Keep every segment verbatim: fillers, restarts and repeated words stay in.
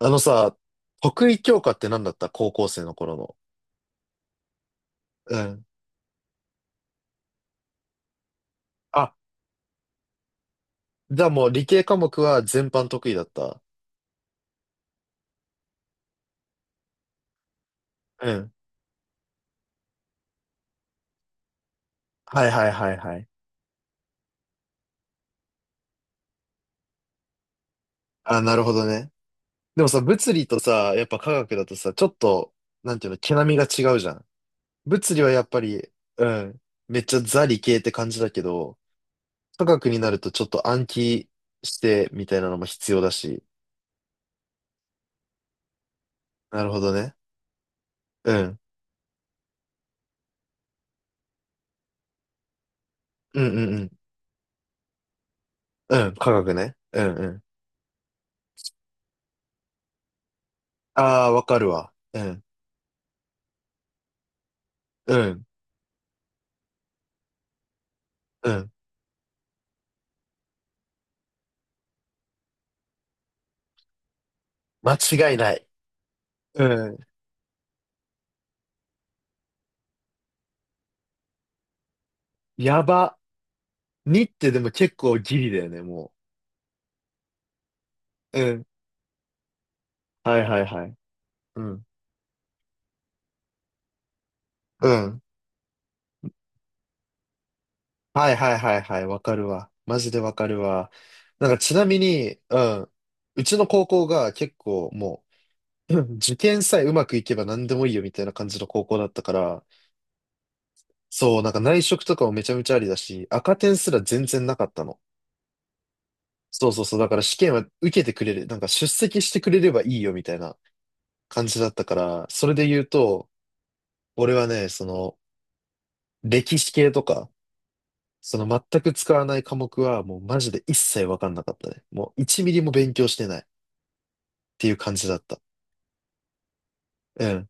あのさ、得意教科って何だった高校生の頃の。うん。あ、じゃあもう理系科目は全般得意だった。うん。はいはいはいはい。あ、なるほどね。でもさ、物理とさ、やっぱ科学だとさ、ちょっと、なんていうの、毛並みが違うじゃん。物理はやっぱり、うん。めっちゃザ理系って感じだけど、科学になるとちょっと暗記してみたいなのも必要だし。なるほどね。うん。うんうんうん。うん。科学ね。うんうん。ああ、わかるわ。うん。うん。うん。間違いない。うん。やば。にってでも結構ギリだよね、もううん。はいはいはい。う。うん。うん。はいはいはいはい。わかるわ。マジでわかるわ。なんかちなみに、うん。うちの高校が結構もう、うん受験さえうまくいけば何でもいいよみたいな感じの高校だったから、そう、なんか内職とかもめちゃめちゃありだし、赤点すら全然なかったの。そうそうそう。だから試験は受けてくれる。なんか出席してくれればいいよみたいな感じだったから、それで言うと、俺はね、その、歴史系とか、その全く使わない科目はもうマジで一切わかんなかったね。もういちミリも勉強してないっていう感じだった。うん。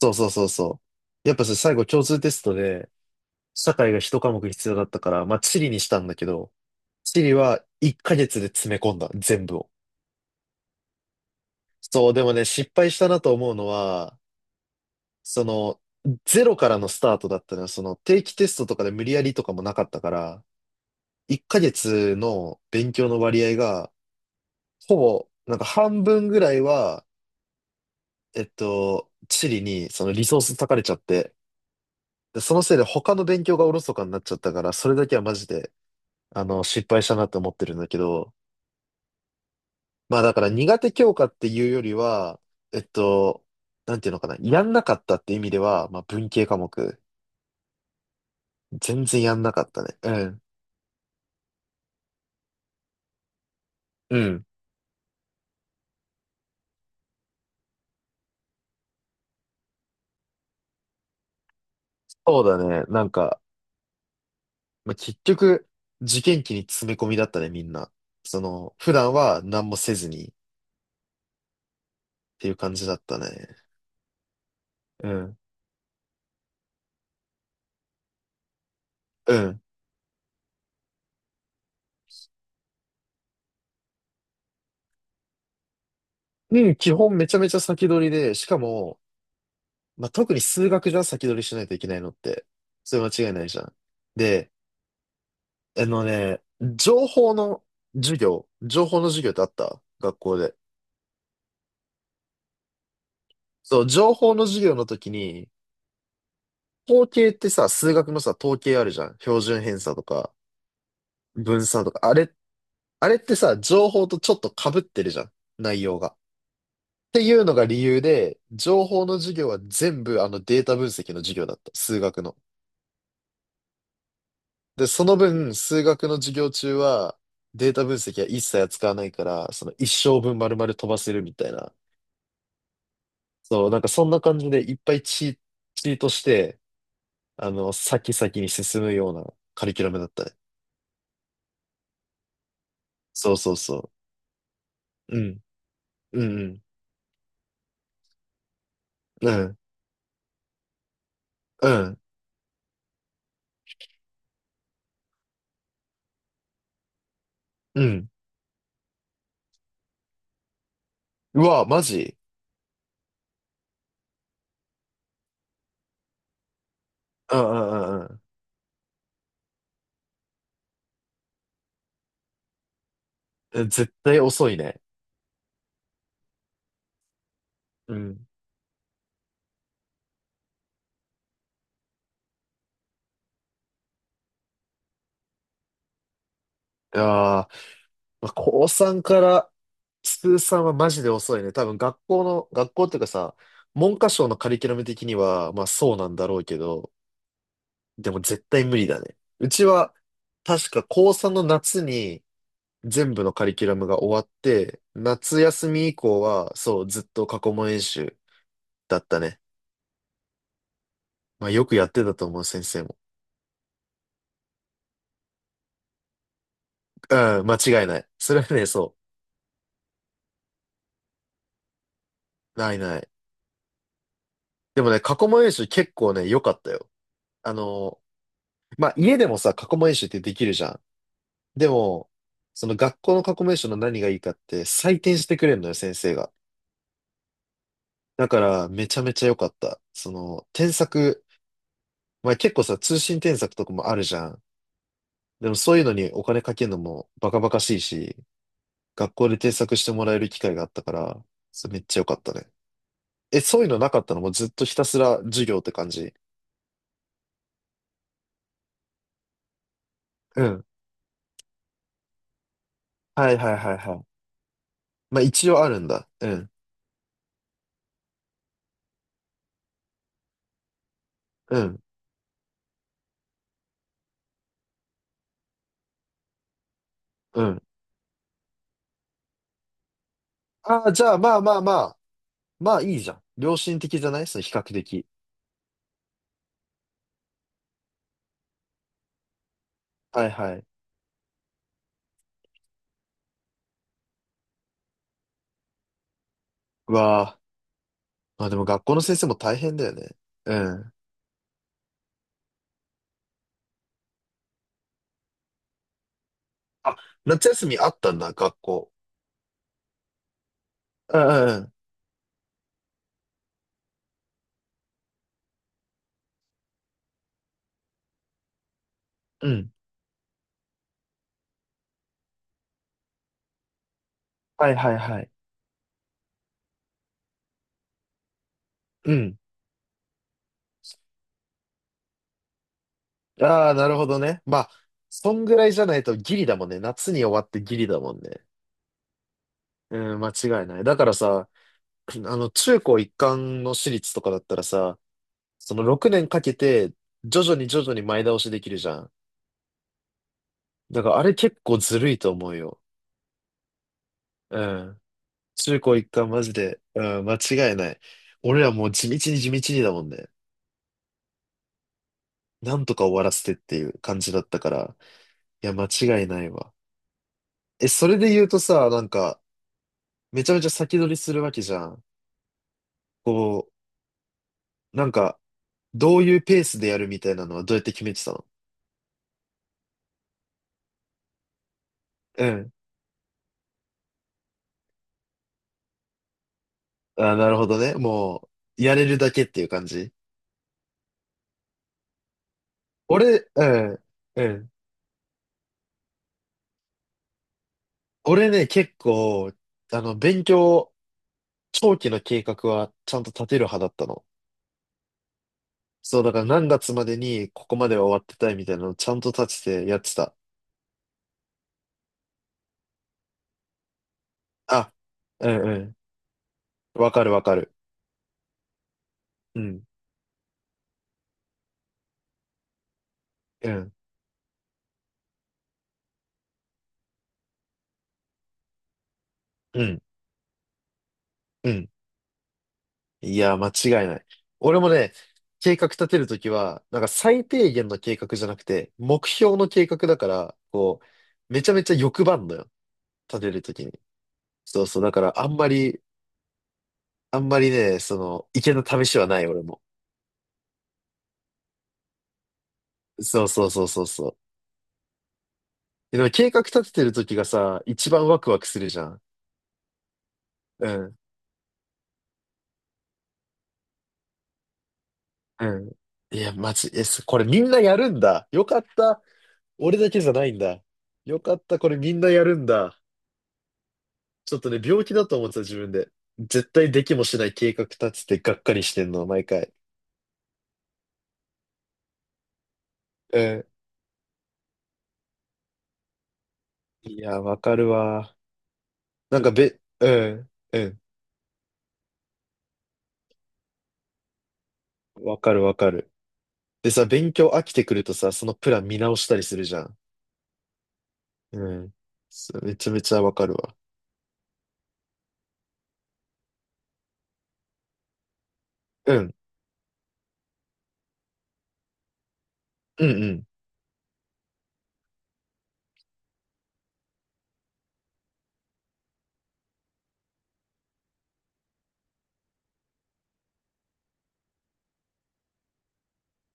そうそうそうそう。やっぱさ、最後共通テストで、社会が一科目必要だったから、まあ地理にしたんだけど、地理はいっかげつで詰め込んだ、全部を。そう、でもね、失敗したなと思うのは、その、ゼロからのスタートだったのは、その定期テストとかで無理やりとかもなかったから、いっかげつの勉強の割合が、ほぼ、なんか半分ぐらいは、えっと、地理にそのリソース割かれちゃって、で、そのせいで他の勉強がおろそかになっちゃったから、それだけはマジで、あの、失敗したなって思ってるんだけど、まあだから苦手教科っていうよりは、えっと、なんていうのかな、やんなかったって意味では、まあ文系科目、全然やんなかったね。うん。うん。そうだね。なんか、まあ、結局、受験期に詰め込みだったね、みんな。その、普段は何もせずにっていう感じだったね。うん。うん。うん基本めちゃめちゃ先取りで、しかも、まあ、特に数学じゃ先取りしないといけないのって、それ間違いないじゃん。で、あのね、情報の授業、情報の授業ってあった学校で。そう、情報の授業の時に、統計ってさ、数学のさ、統計あるじゃん。標準偏差とか、分散とか、あれ、あれってさ、情報とちょっと被ってるじゃん。内容が。っていうのが理由で、情報の授業は全部あのデータ分析の授業だった。数学の。で、その分、数学の授業中は、データ分析は一切扱わないから、その一生分丸々飛ばせるみたいな。そう、なんかそんな感じでいっぱいチー、チートして、あの、先々に進むようなカリキュラムだったね。そうそうそう。うん、うん、うん、うん、うん、うん。うわ、マジうんうんうんうん。え絶対遅いね。うん。ああ、まあ、高こうさんから通算はマジで遅いね。多分学校の、学校っていうかさ、文科省のカリキュラム的には、まあそうなんだろうけど、でも絶対無理だね。うちは、確か高こうさんの夏に全部のカリキュラムが終わって、夏休み以降は、そう、ずっと過去問演習だったね。まあよくやってたと思う、先生も。うん、間違いない。それはね、そう、ないない。でもね、過去問演習結構ね、良かったよ。あの、まあ家でもさ、過去問演習ってできるじゃん。でも、その学校の過去名称の何がいいかって採点してくれるのよ、先生が。だから、めちゃめちゃ良かった。その、添削、まあ結構さ、通信添削とかもあるじゃん。でもそういうのにお金かけるのもバカバカしいし、学校で添削してもらえる機会があったから、それめっちゃ良かったね。え、そういうのなかったの？もうずっとひたすら授業って感じ？うん。はいはいはいはい。まあ一応あるんだ。うん。うん。うん。ああ、じゃあまあまあまあ。まあいいじゃん。良心的じゃないその比較的。はいはい。うわーまあでも学校の先生も大変だよね。うん。あ、夏休みあったんだ、学校。うんうんうん。うん。はいはいはい。うん。ああ、なるほどね。まあ、そんぐらいじゃないとギリだもんね。夏に終わってギリだもんね。うん、間違いない。だからさ、あの、中高一貫の私立とかだったらさ、そのろくねんかけて、徐々に徐々に前倒しできるじゃん。だからあれ結構ずるいと思うよ。うん。中高一貫マジで、うん、間違いない。俺らもう地道に地道にだもんね。なんとか終わらせてっていう感じだったから。いや、間違いないわ。え、それで言うとさ、なんか、めちゃめちゃ先取りするわけじゃん。こう、なんか、どういうペースでやるみたいなのはどうやって決めてたの？うん。あ、なるほどね。もう、やれるだけっていう感じ。俺、うん、うん。俺ね、結構、あの、勉強、長期の計画はちゃんと立てる派だったの。そう、だから何月までにここまでは終わってたいみたいなのをちゃんと立ててやってた。あ、うんうん。わかるわかる。うん、うん、うん、うん。いや、間違いない。俺もね、計画立てるときは、なんか最低限の計画じゃなくて、目標の計画だから、こう、めちゃめちゃ欲張んのよ。立てるときに。そうそう。だから、あんまり、あんまりね、その、池の試しはない、俺も。そうそうそうそうそう。でも計画立ててるときがさ、一番ワクワクするじゃん。うんうん。いや、マジ、え、すこれみんなやるんだ。よかった。俺だけじゃないんだ。よかった。これみんなやるんだ。ちょっとね、病気だと思ってた自分で。絶対できもしない計画立ててがっかりしてんの、毎回。うん。いや、わかるわ。なんかべ、うん、うん。わかるわかる。でさ、勉強飽きてくるとさ、そのプラン見直したりするじゃん。うん。そうめちゃめちゃわかるわ。うん。うんうん。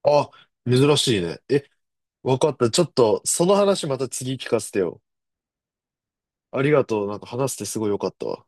あ、珍しいね。え、わかった。ちょっと、その話また次聞かせてよ。ありがとう。なんか話してすごい良かったわ。